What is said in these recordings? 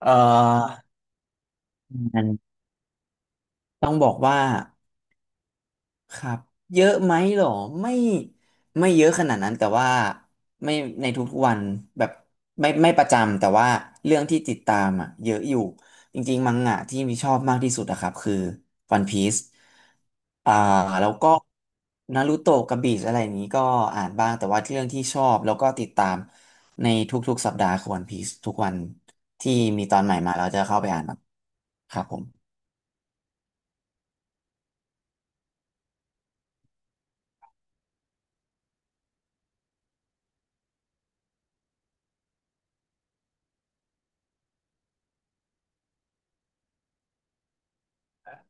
เอ่อมันต้องบอกว่า ครับ เยอะไหมหรอไม่ไม่เยอะขนาดนั้นแต่ว่าไม่ในทุกๆวัน แบบไม่ไม่ประจำ แต่ว่า เรื่องที่ติดตามอ่ะเยอะอยู่ จริงๆมังงะที่มีชอบมากที่สุดอะครับคือ One Piece อ่าแล้วก็นารูโตะกับบีชอะไรอย่างนี้ก็อ่านบ้าง แต่ว่าเรื่องที่ชอบแล้วก็ติดตาม ในทุกๆสัปดาห์คือ One Piece ทุกวันที่มีตอนใหม่มาเราจะเข้าไปอ่านครับครับผม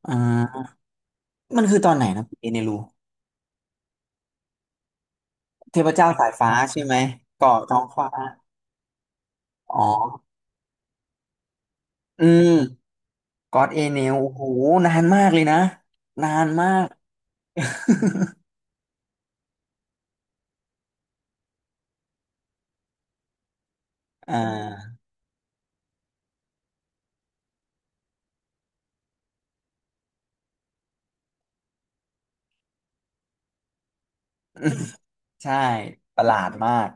อ่า มันคือตอนไหนนะเอเนรูเทพเจ้าสายฟ้าใช่ไหมเกาะท้องฟ้าอ๋ออืมกอดเอเนลโอ้โหนานมากเลยนะนานมาก อ่าใช่ประหลาดมาก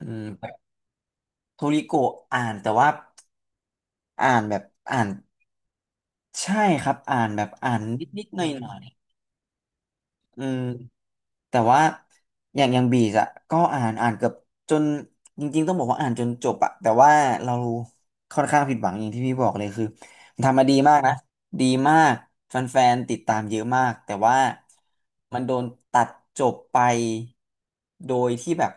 อืมโทริโกะอ่านแต่ว่าอ่านแบบอ่านใช่ครับอ่านแบบอ่านนิดๆหน่อยๆ อืมแต่ว่าอย่างอย่างบีสอะก็อ่านอ่านเกือบจนจริงๆต้องบอกว่าอ่านจนจบอะแต่ว่าเราค่อนข้างผิดหวังอย่างที่พี่บอกเลยคือมันทำมาดีมากนะดีมากแฟนๆติดตามเยอะมากแต่ว่ามันโดนตัดจบไปโดยที่แบบ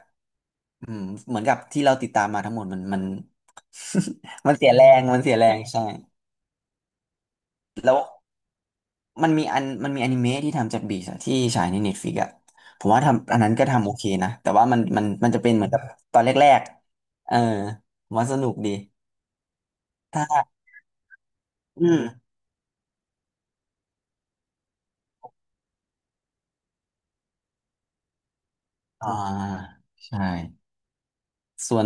อืมเหมือนกับที่เราติดตามมาทั้งหมดมันมัน มันเสียแรงมันเสียแรงใช่แล้ว มันมีอันมันมีอนิเมะที่ทำจากบีสที่ฉายในเน็ตฟ i ิกอะผมว่าทำอันนั้นก็ทำโอเคนะแต่ว่ามันมันมันจะเป็นเหมือนกับตอนแรกๆผมว่าสนุกดีถ้าอืมอ่าใช่ส่วน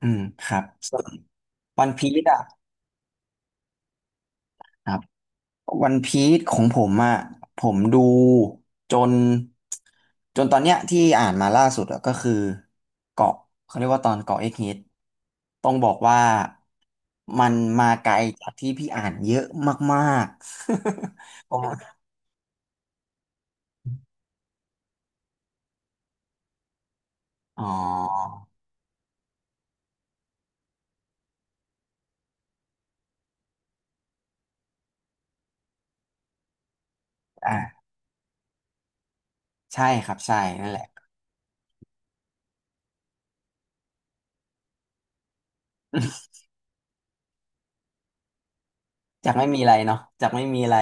อืมครับส่วนวันพีซอะครับ วันพีซของผมอ่ะผมดูจนจนตอนเนี้ยที่อ่านมาล่าสุดอะก็คือเกาะเขาเรียกว่าตอนเกาะเอ็กฮิตต้องบอกว่ามันมาไกลจากที่พี่อ่านเยอะมากๆ ผมอ๋ออ่าใช่ครับใช่นั่นแหละจากไม่มีอะไรเนาะจากไม่มีอะไร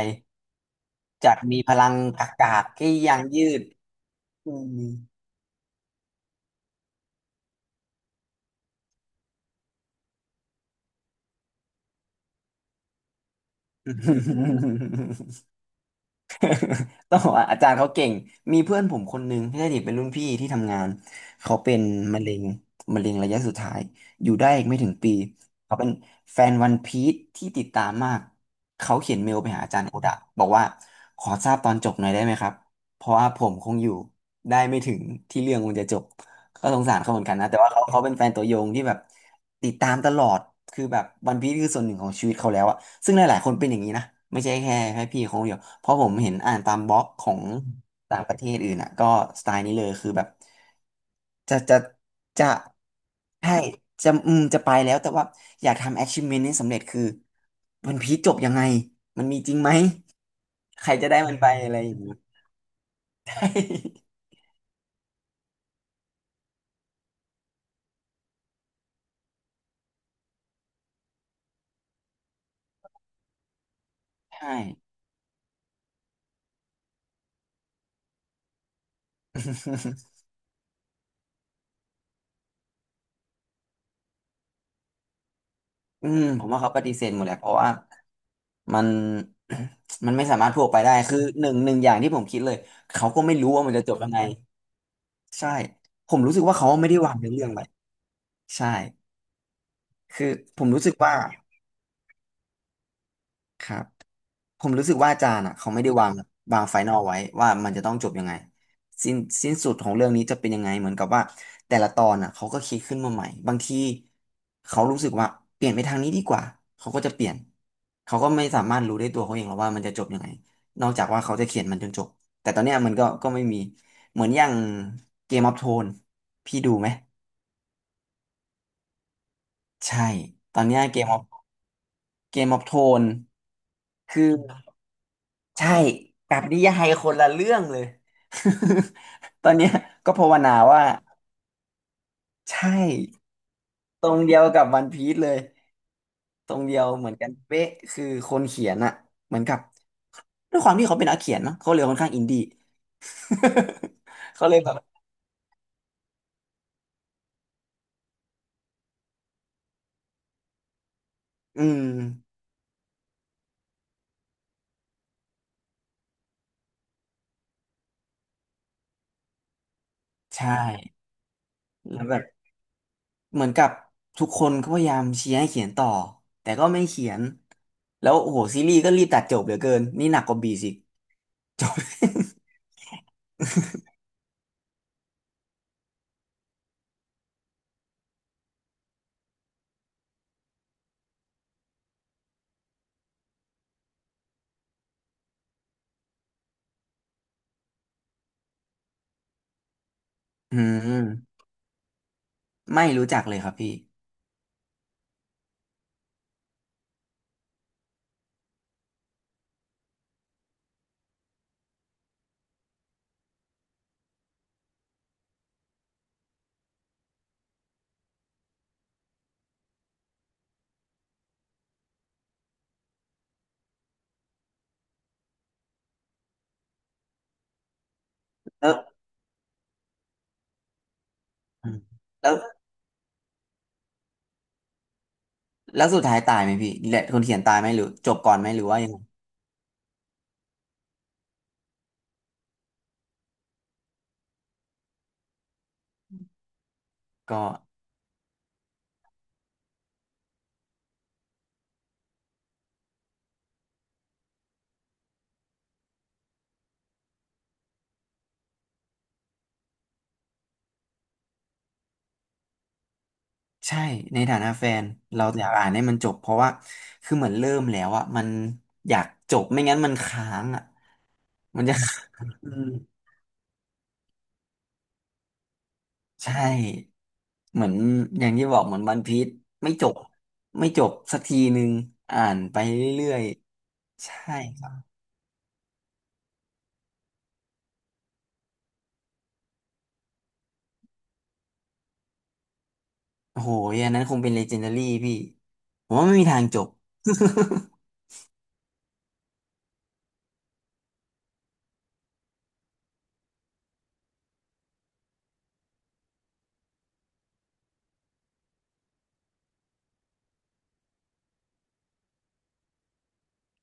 จากมีพลังกากๆที่ยังยืดอืม ต้องบอกว่าอาจารย์เขาเก่งมีเพื่อนผมคนหนึงที่ได้ดเป็นรุ่นพี่ที่ทำงานเขาเป็นมะเร็งมะเร็งระยะสุดท้ายอยู่ได้อีกไม่ถึงปีเขาเป็นแฟนวันพีซที่ติดตามมากเขาเขียนเมลไปหาอาจารย์โอดะบอกว่าขอทราบตอนจบหน่อยได้ไหมครับเพราะว่าผมคงอยู่ได้ไม่ถึงที่เรื่องมันจะจบ ก็สงสารเขาเหมือนกันนะแต่ว่าเขาเขาเป็นแฟนตัวยงที่แบบติดตามตลอดคือแบบวันพีซคือส่วนหนึ่งของชีวิตเขาแล้วอะซึ่งหลายๆคนเป็นอย่างนี้นะไม่ใช่แค่แค่พี่คนเดียวเพราะผมเห็นอ่านตามบล็อกของต่างประเทศอื่นอะก็สไตล์นี้เลยคือแบบจะจะจะใช่จะอืมจะไปแล้วแต่ว่าอยากทำ achievement นี้สำเร็จคือวันพีซจบยังไงมันมีจริงไหมใครจะได้มันไปอะไรอย่างนี้ ใช่ อืมผมว่าเขาปฏิเสธหมดแหละเพราะว่า มัน มันไม่สามารถพูดออกไปได้คือหนึ่งหนึ่งอย่างที่ผมคิดเลยเขาก็ไม่รู้ว่ามันจะจบยังไงใช่ผมรู้สึกว่าเขาไม่ได้วางเนื้อเรื่องไปใช่คือผมรู้สึกว่าครับ ผมรู้สึกว่าอาจารย์อ่ะเขาไม่ได้วางวางไฟนอลไว้ว่ามันจะต้องจบยังไงสิ้นสิ้นสุดของเรื่องนี้จะเป็นยังไงเหมือนกับว่าแต่ละตอนอ่ะเขาก็คิดขึ้นมาใหม่บางทีเขารู้สึกว่าเปลี่ยนไปทางนี้ดีกว่าเขาก็จะเปลี่ยนเขาก็ไม่สามารถรู้ได้ตัวเขาเองหรอกว่ามันจะจบยังไงนอกจากว่าเขาจะเขียนมันจนจบแต่ตอนเนี้ยมันก็ก็ไม่มีเหมือนอย่างเกมออฟโทนพี่ดูไหมใช่ตอนเนี้เกมออฟเกมออฟโทนคือ ใช่กับนิยายคนละเรื่องเลย ตอนเนี้ยก็ภาวนาว่าใช่ตรงเดียวกับวันพีซเลยตรงเดียวเหมือนกันเป๊ะคือคนเขียนอะเหมือนกับด้วยความที่เขาเป็นนักเขียนมั้งเขาเลยค่อนข้างอินดี้ เขาเลยแบบอืมใช่แล้วแบบเหมือนกับทุกคนก็พยายามเชียร์ให้เขียนต่อแต่ก็ไม่เขียนแล้วโอ้โหซีรีส์ก็รีบตัดจบเหลือเกินนี่หนักกว่าบีสิจบ อืม ไม่รู้จักเลยครับพี่แล้วอืมแล้วสุดท้ายตายไหมพี่แหละคนเขียนตายไหมหรือจบก่อนไหมหรือว่ายังไงก็ใช่ในฐานะแฟนเราอยากอ่านให้มันจบเพราะว่าคือเหมือนเริ่มแล้วอะมันอยากจบไม่งั้นมันค้างอะมันจะค้างอืมใช่เหมือนอย่างที่บอกเหมือนวันพีชไม่จบไม่จบสักทีนึงอ่านไปเรื่อยๆใช่ครับโอ้โหอันนั้นคงเป็นเลเจนดารี่พี่ผมว่าไม่มีทางจบ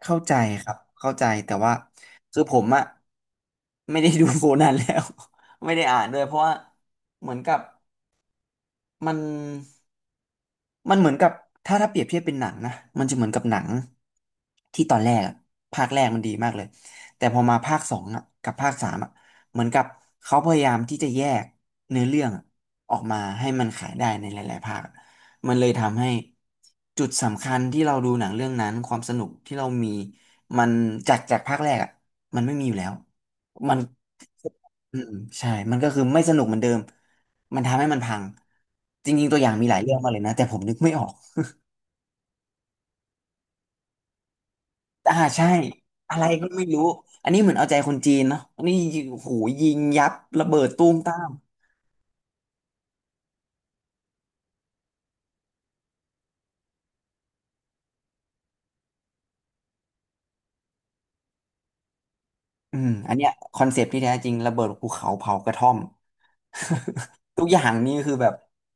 เข้าใจครับเข้าใจแต่ว่าคือผมอะไม่ได้ดูโคนันแล้ว ไม่ได้อ่านด้วยเพราะว่าเหมือนกับมัน มันเหมือนกับถ้าเปรียบเทียบเป็นหนังนะมันจะเหมือนกับหนังที่ตอนแรกอะภาคแรกมันดีมากเลยแต่พอมาภาคสองอะกับภาคสามอะเหมือนกับเขาพยายามที่จะแยกเนื้อเรื่องอะออกมาให้มันขายได้ในหลายๆภาคมันเลยทำให้จุดสำคัญที่เราดูหนังเรื่องนั้นความสนุกที่เรามีมันจากภาคแรกอะมันไม่มีอยู่แล้วมัน อืมใช่มันก็คือไม่สนุกเหมือนเดิมมันทำให้มันพังจริงๆตัวอย่างมีหลายเรื่องมากเลยนะแต่ผมนึกไม่ออกอ่าใช่อะไรก็ไม่รู้ อันนี้เหมือนเอาใจคนจีนเนาะอันนี้โอ้โหูยิงยับระเบิดตูมตามอืมอันเนี้ยคอนเซปต์ที่แท้จริงระเบิดภูเขาเผากระท่อม ทุกอย่างนี่คือแบบ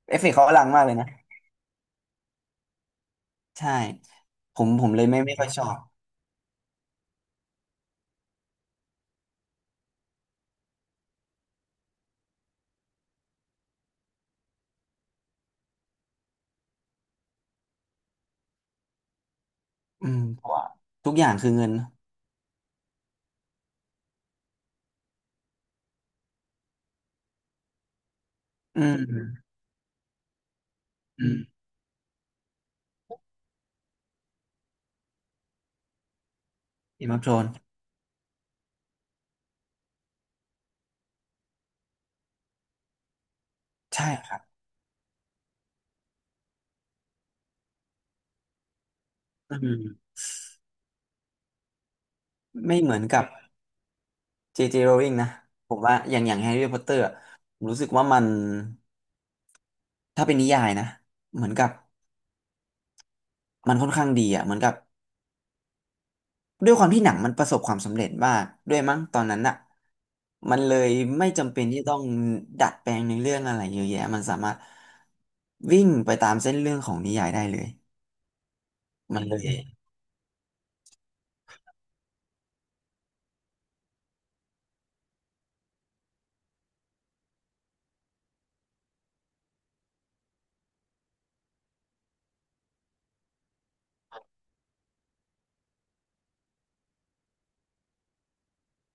เอฟเฟกต์เขาอลังมากเลยนะใช่ผมเลยไม่ค่อยชอบอืมเพราะว่าทุกอย่างคือเงินเนอะอืมอืมอืม Game of Thrones ใช่ครับอืมไม่เหมือนกับ เจเจโรลิงนะผมว่าอย่างแฮร์รี่พอตเตอร์ผมรู้สึกว่ามันถ้าเป็นนิยายนะเหมือนกับมันค่อนข้างดีอ่ะเหมือนกับด้วยความที่หนังมันประสบความสำเร็จมากด้วยมั้งตอนนั้นอ่ะมันเลยไม่จำเป็นที่ต้องดัดแปลงในเรื่องอะไรเยอะแยะมันสามารถวิ่งไปตามเส้นเรื่องของนิยายได้เลยมันเลย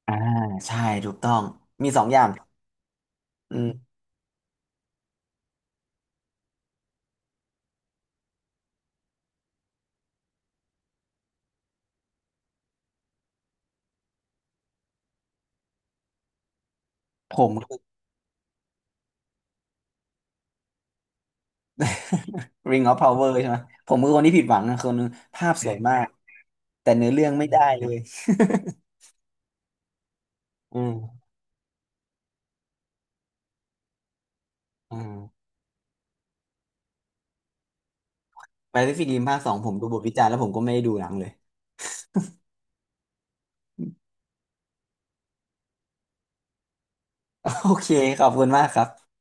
อ่าใช่ถูกต้องมีสองอย่างอืมผมคือ Ring of Power ใช่ไหมผมคือคนที่ผิดหวังนะคนหนึงภาพสวยมากแต่เนื้อเรื่องไม่ได้เลย อ่าแปซิฟิกริมภาคสองผมดูบทวิจารณ์แล้วผมก็ไม่ได้ดูหนังเลย โอเคขอบคุณมากครับ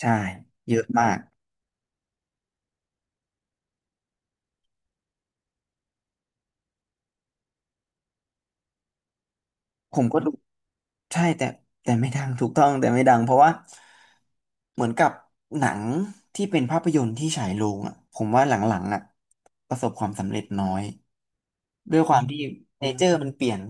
ใช่เยอะมากผมก็ดูใช่แต่แต่ไม่ดังถูกต้องแต่ไม่ดังเพราะว่าเหมือนกับหนังที่เป็นภาพยนตร์ที่ฉายโรงอ่ะผมว่าหลังๆอ่ะประสบความสำเร็จน้อยด้วยความที่เนเจอร์มันเปลี่ยน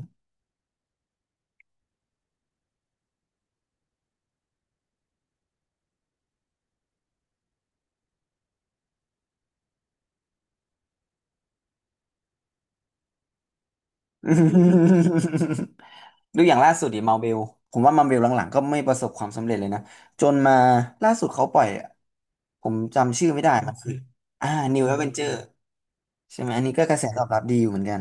ดูอย่างล่าสุดดิมาเบลผมว่ามาเบลหลังๆก็ไม่ประสบความสำเร็จเลยนะจนมาล่าสุดเขาปล่อยผมจำชื่อไม่ได้มันคืออ่า New Avenger ใช่ไหมอันนี้ก็กระแสตอบรับดีอยู่เหมือนกัน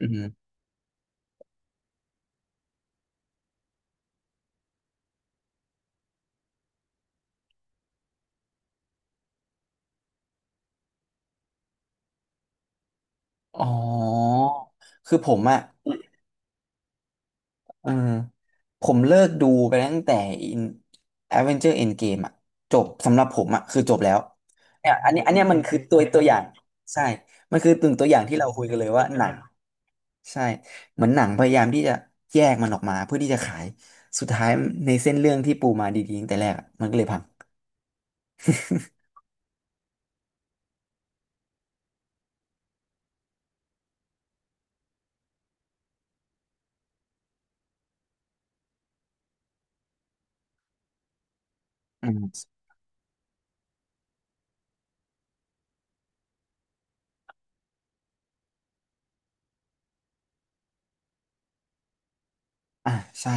อืมอ๋อคือผมอะเออผมเลิกดูไปตั้งแต่ In Avenger Endgame อะจบสำหรับผมอะคือจบแล้วเนี่ยอันนี้อันเนี้ยมันคือตัวอย่างใช่มันคือตึงตัวอย่างที่เราคุยกันเลยว่าหนัง ใช่เหมือนหนังพยายามที่จะแยกมันออกมาเพื่อที่จะขายสุดท้ายในเส้นเรื่องที่ปูมาดีๆตั้งแต่แรกอะมันก็เลยพังอืมอ่ะใช่